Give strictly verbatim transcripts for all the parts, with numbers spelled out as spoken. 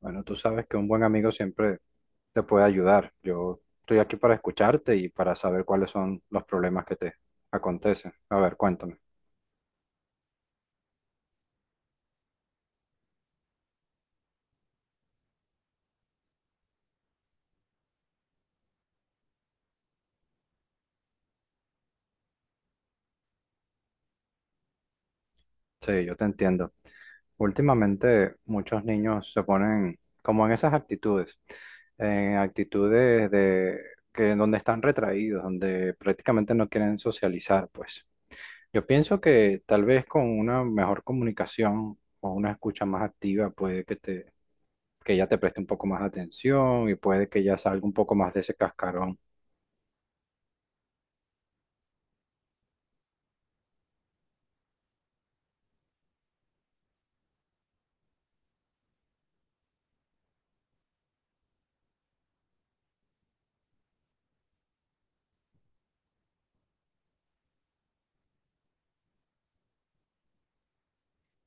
Bueno, tú sabes que un buen amigo siempre te puede ayudar. Yo estoy aquí para escucharte y para saber cuáles son los problemas que te acontecen. A ver, cuéntame. Sí, yo te entiendo. Últimamente muchos niños se ponen como en esas actitudes, en actitudes de que donde están retraídos, donde prácticamente no quieren socializar, pues. Yo pienso que tal vez con una mejor comunicación o una escucha más activa puede que te, que ella te preste un poco más de atención y puede que ya salga un poco más de ese cascarón.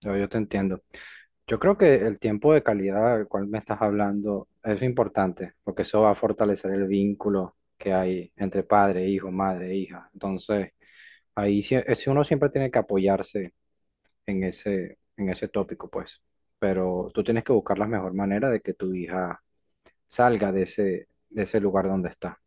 Yo, yo te entiendo. Yo creo que el tiempo de calidad del cual me estás hablando es importante, porque eso va a fortalecer el vínculo que hay entre padre, hijo, madre, hija. Entonces, ahí sí, es- uno siempre tiene que apoyarse en ese, en ese tópico, pues. Pero tú tienes que buscar la mejor manera de que tu hija salga de ese, de ese lugar donde está.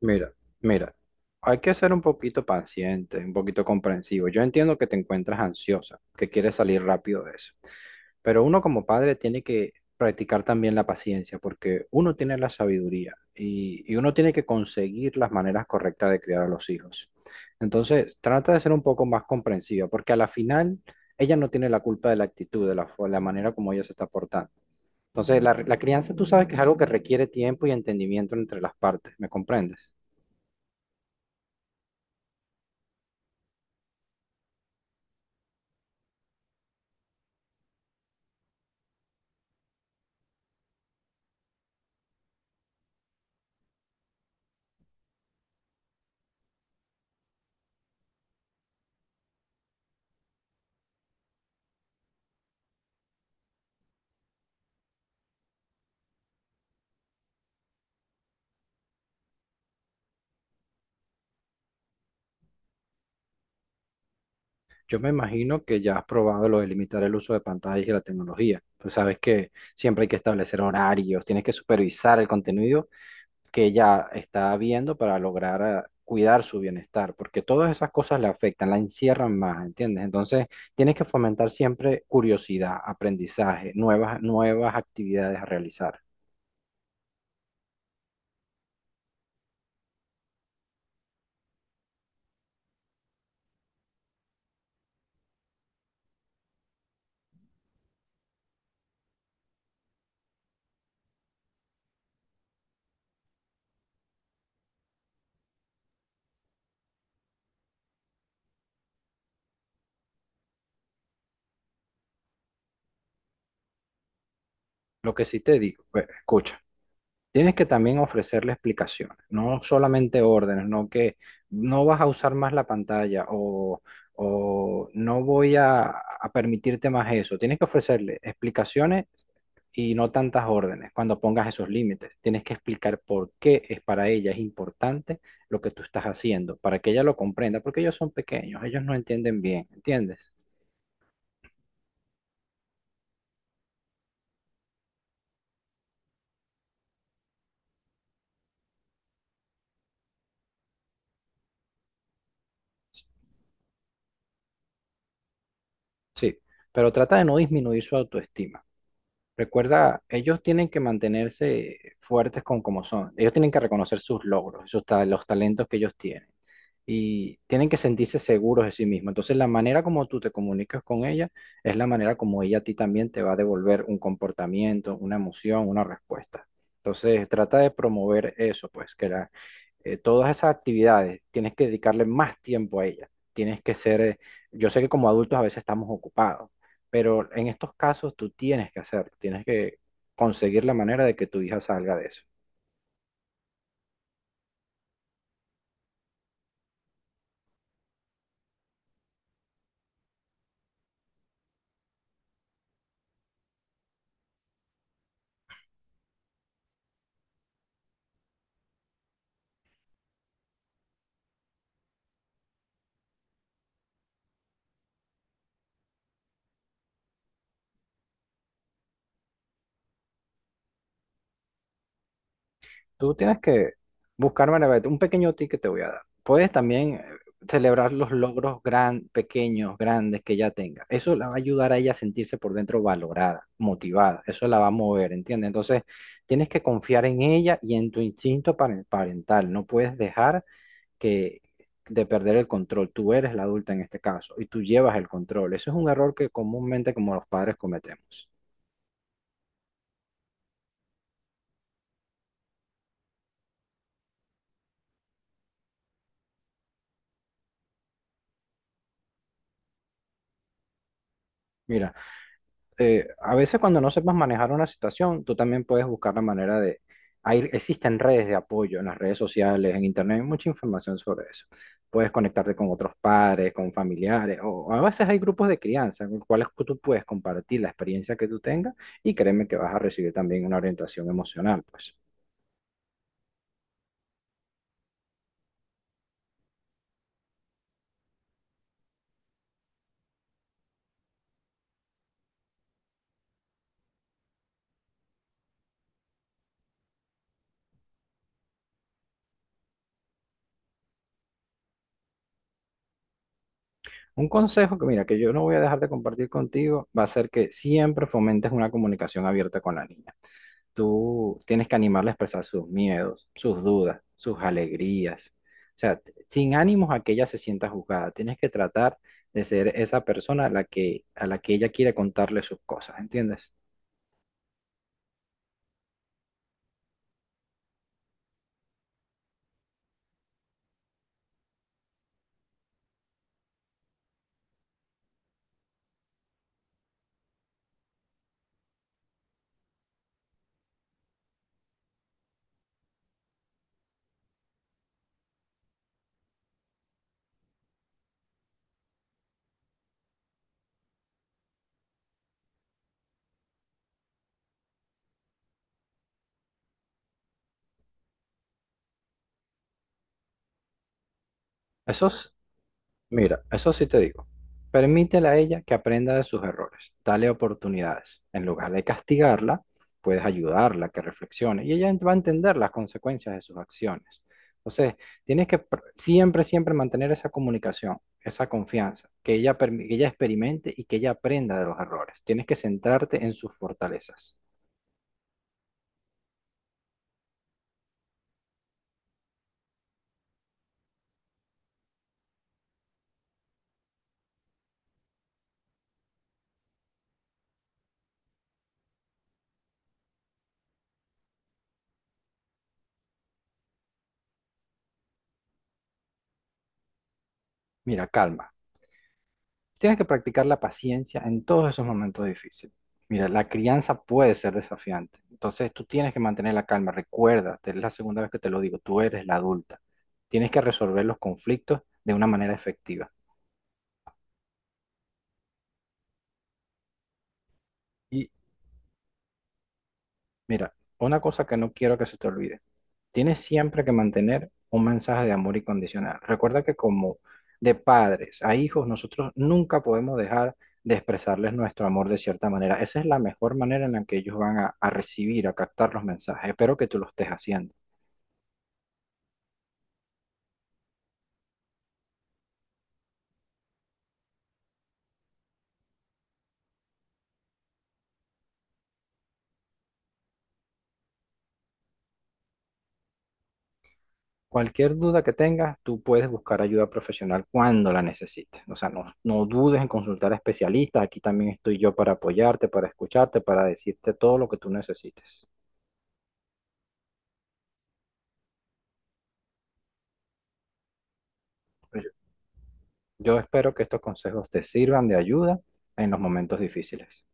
Mira, mira, hay que ser un poquito paciente, un poquito comprensivo. Yo entiendo que te encuentras ansiosa, que quieres salir rápido de eso, pero uno como padre tiene que practicar también la paciencia, porque uno tiene la sabiduría y, y uno tiene que conseguir las maneras correctas de criar a los hijos. Entonces, trata de ser un poco más comprensiva, porque a la final ella no tiene la culpa de la actitud, de la, fo- la manera como ella se está portando. Entonces, la, la crianza tú sabes que es algo que requiere tiempo y entendimiento entre las partes, ¿me comprendes? Yo me imagino que ya has probado lo de limitar el uso de pantallas y la tecnología. Tú sabes que siempre hay que establecer horarios, tienes que supervisar el contenido que ella está viendo para lograr eh, cuidar su bienestar, porque todas esas cosas le afectan, la encierran más, ¿entiendes? Entonces, tienes que fomentar siempre curiosidad, aprendizaje, nuevas, nuevas actividades a realizar. Lo que sí te digo, pues, escucha. Tienes que también ofrecerle explicaciones, no solamente órdenes, no que no vas a usar más la pantalla o, o no voy a, a permitirte más eso. Tienes que ofrecerle explicaciones y no tantas órdenes cuando pongas esos límites. Tienes que explicar por qué es para ella es importante lo que tú estás haciendo, para que ella lo comprenda, porque ellos son pequeños, ellos no entienden bien, ¿entiendes? Sí, pero trata de no disminuir su autoestima. Recuerda, ellos tienen que mantenerse fuertes con como son. Ellos tienen que reconocer sus logros, sus ta- los talentos que ellos tienen y tienen que sentirse seguros de sí mismos. Entonces, la manera como tú te comunicas con ella es la manera como ella a ti también te va a devolver un comportamiento, una emoción, una respuesta. Entonces, trata de promover eso, pues, que la, eh, todas esas actividades tienes que dedicarle más tiempo a ella. Tienes que ser, eh, yo sé que como adultos a veces estamos ocupados, pero en estos casos tú tienes que hacerlo, tienes que conseguir la manera de que tu hija salga de eso. Tú tienes que buscarme la un pequeño ticket te voy a dar. Puedes también eh, celebrar los logros gran, pequeños, grandes que ella tenga. Eso la va a ayudar a ella a sentirse por dentro valorada, motivada. Eso la va a mover, ¿entiendes? Entonces, tienes que confiar en ella y en tu instinto paren- parental. No puedes dejar que de perder el control. Tú eres la adulta en este caso y tú llevas el control. Eso es un error que comúnmente como los padres cometemos. Mira. Eh, a veces cuando no sepas manejar una situación, tú también puedes buscar la manera de... Hay, existen redes de apoyo en las redes sociales, en internet, hay mucha información sobre eso. Puedes conectarte con otros padres, con familiares, o a veces hay grupos de crianza con los cuales tú puedes compartir la experiencia que tú tengas y créeme que vas a recibir también una orientación emocional, pues. Un consejo que, mira, que yo no voy a dejar de compartir contigo, va a ser que siempre fomentes una comunicación abierta con la niña. Tú tienes que animarle a expresar sus miedos, sus dudas, sus alegrías. O sea, t- sin ánimos a que ella se sienta juzgada. Tienes que tratar de ser esa persona a la que, a la que ella quiere contarle sus cosas, ¿entiendes? Eso es. Mira, eso sí te digo. Permítele a ella que aprenda de sus errores. Dale oportunidades. En lugar de castigarla, puedes ayudarla a que reflexione y ella va a entender las consecuencias de sus acciones. Entonces, tienes que pr- siempre, siempre mantener esa comunicación, esa confianza, que ella, permi- que ella experimente y que ella aprenda de los errores. Tienes que centrarte en sus fortalezas. Mira, calma. Tienes que practicar la paciencia en todos esos momentos difíciles. Mira, la crianza puede ser desafiante. Entonces tú tienes que mantener la calma. Recuerda, es la segunda vez que te lo digo, tú eres la adulta. Tienes que resolver los conflictos de una manera efectiva. Y mira, una cosa que no quiero que se te olvide. Tienes siempre que mantener un mensaje de amor incondicional. Recuerda que como de padres a hijos, nosotros nunca podemos dejar de expresarles nuestro amor de cierta manera. Esa es la mejor manera en la que ellos van a, a recibir, a captar los mensajes. Espero que tú lo estés haciendo. Cualquier duda que tengas, tú puedes buscar ayuda profesional cuando la necesites. O sea, no, no dudes en consultar a especialistas. Aquí también estoy yo para apoyarte, para escucharte, para decirte todo lo que tú necesites. Yo espero que estos consejos te sirvan de ayuda en los momentos difíciles.